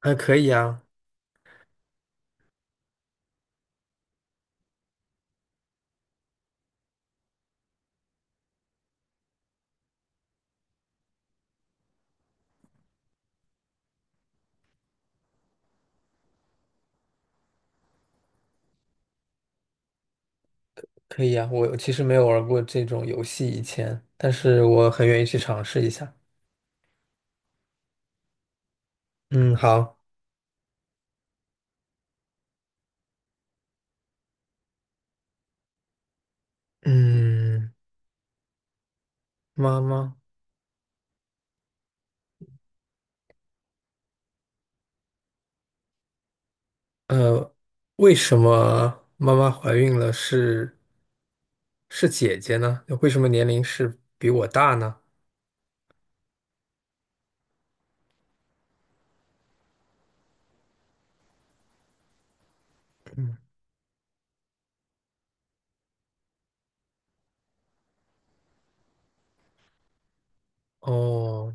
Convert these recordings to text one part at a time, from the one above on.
还可以啊，可以啊。我其实没有玩过这种游戏以前，但是我很愿意去尝试一下。嗯，好。嗯，妈妈，呃，为什么妈妈怀孕了是姐姐呢？为什么年龄是比我大呢？嗯，哦，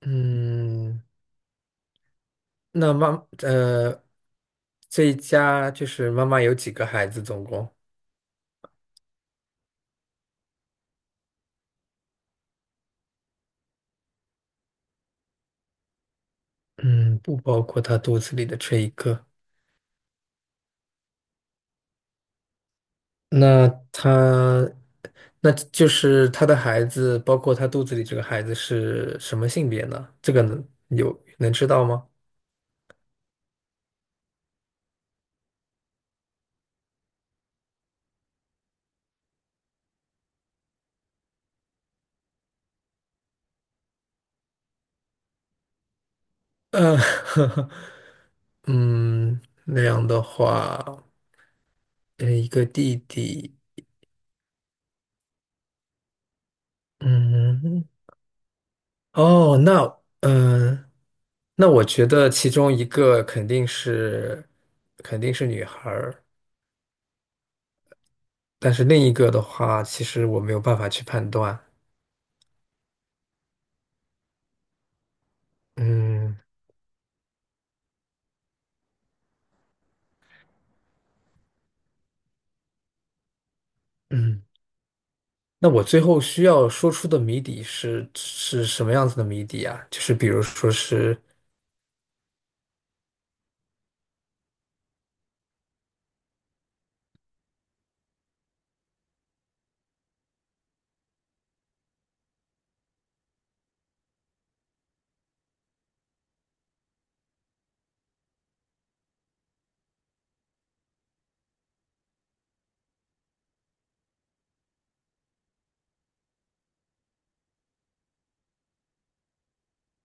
嗯，那妈，这一家就是妈妈有几个孩子总共？嗯，不包括她肚子里的这一个。那他，那就是他的孩子，包括他肚子里这个孩子是什么性别呢？这个能知道吗？呃，嗯，那样的话，一个弟弟，嗯，哦，那，嗯、那我觉得其中一个肯定是女孩儿，但是另一个的话，其实我没有办法去判断。嗯嗯。那我最后需要说出的谜底是什么样子的谜底啊？就是比如说是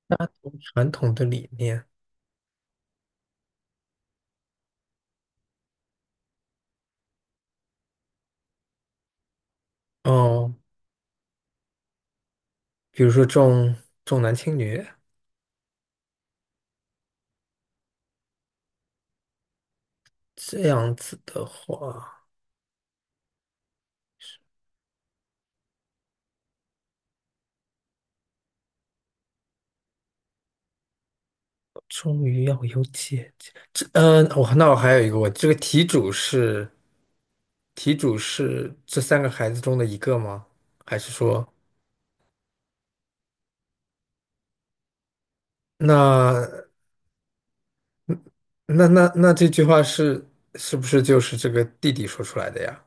家族传统的理念，哦，比如说重男轻女。这样子的话，终于要有姐姐。这，嗯、我、那我还有一个问题，这个题主是这三个孩子中的一个吗？还是说，那那那这句话是不是就是这个弟弟说出来的呀？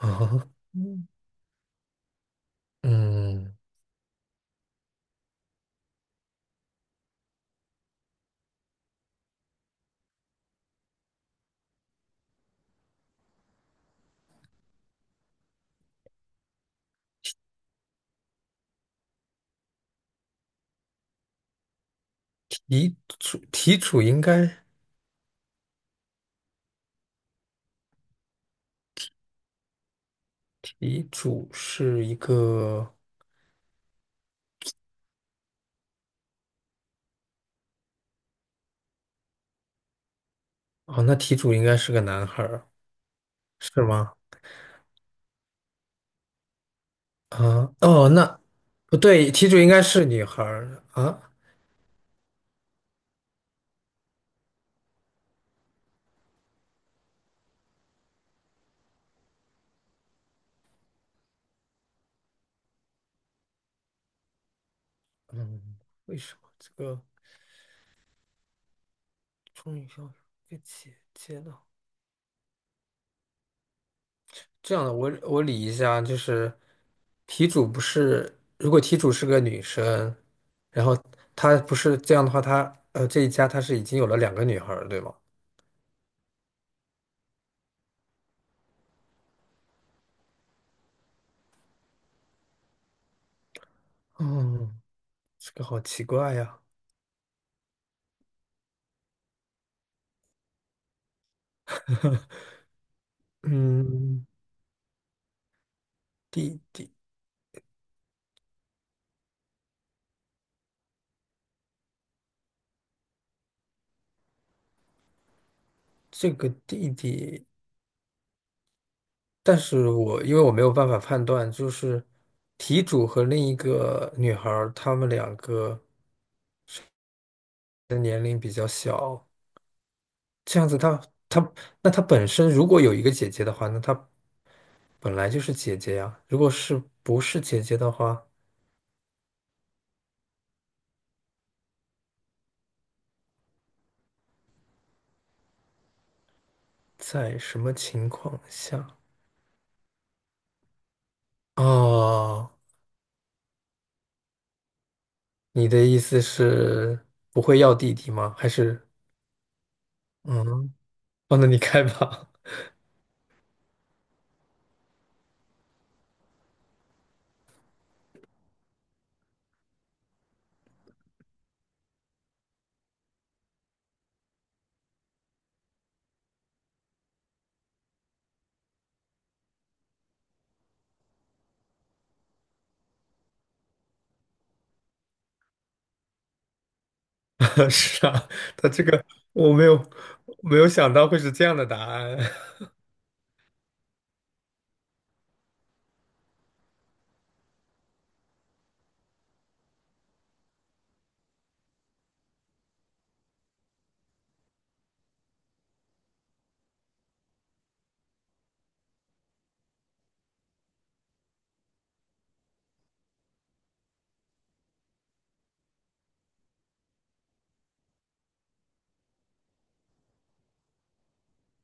啊、嗯，题主题主应该题主是一个哦，那题主应该是个男孩儿，是吗？啊，哦，那不对，题主应该是女孩儿啊。嗯，为什么这个终于要被姐姐了？这样的，我理一下，就是题主不是，如果题主是个女生，然后她不是这样的话，她这一家她是已经有了两个女孩儿，对吗？嗯，这个好奇怪呀。嗯，弟弟，这个弟弟，但是我因为我没有办法判断，就是题主和另一个女孩儿，她们两个比较小，这样子她，那她本身如果有一个姐姐的话，那她本来就是姐姐呀。如果是不是姐姐的话，在什么情况下？哦，你的意思是不会要弟弟吗？还是嗯，哦，那你开吧。是啊，他这个我没有想到会是这样的答案。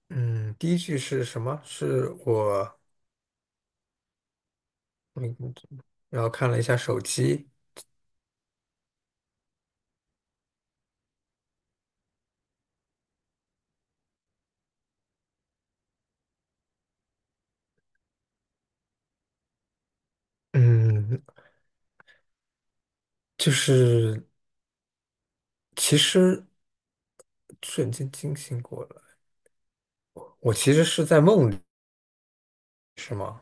嗯，第一句是什么？是我，嗯，然后看了一下手机，嗯，就是其实瞬间惊醒过来，我其实是在梦里，是吗？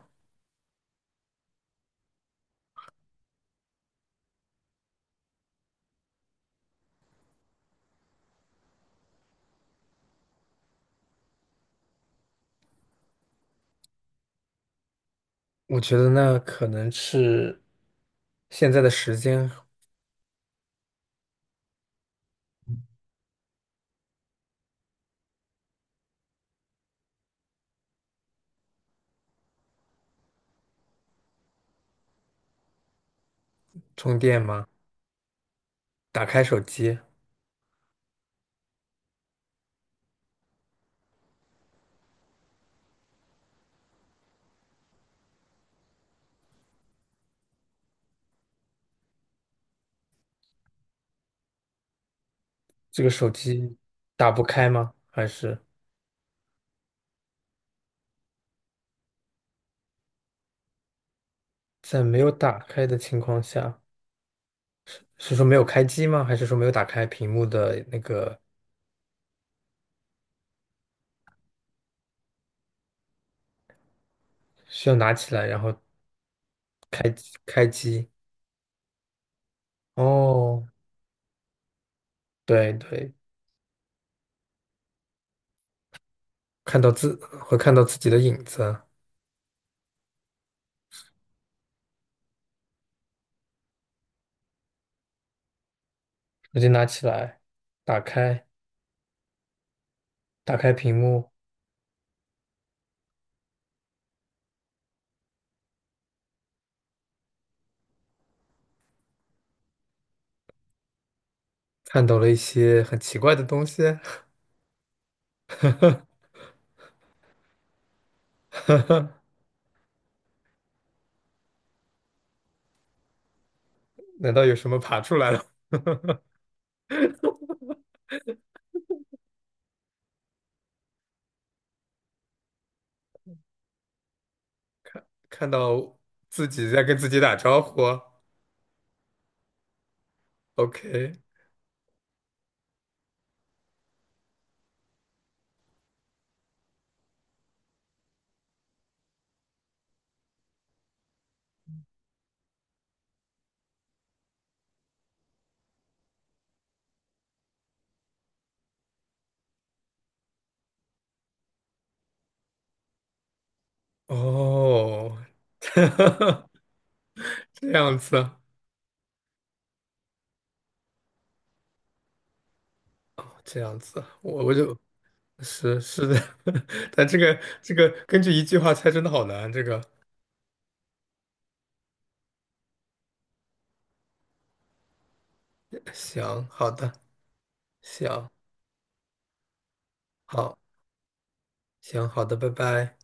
我觉得那可能是现在的时间。充电吗？打开手机，这个手机打不开吗？还是在没有打开的情况下？是说没有开机吗？还是说没有打开屏幕的那个需要拿起来然后开机？哦，对对，看到自会看到自己的影子，手机拿起来，打开打开屏幕，看到了一些很奇怪的东西，难道有什么爬出来了？看到自己在跟自己打招呼，OK，哦，这样子啊，这样子啊，我是是的，但这个根据一句话猜真的好难。这个行，好的行，好行好的，拜拜。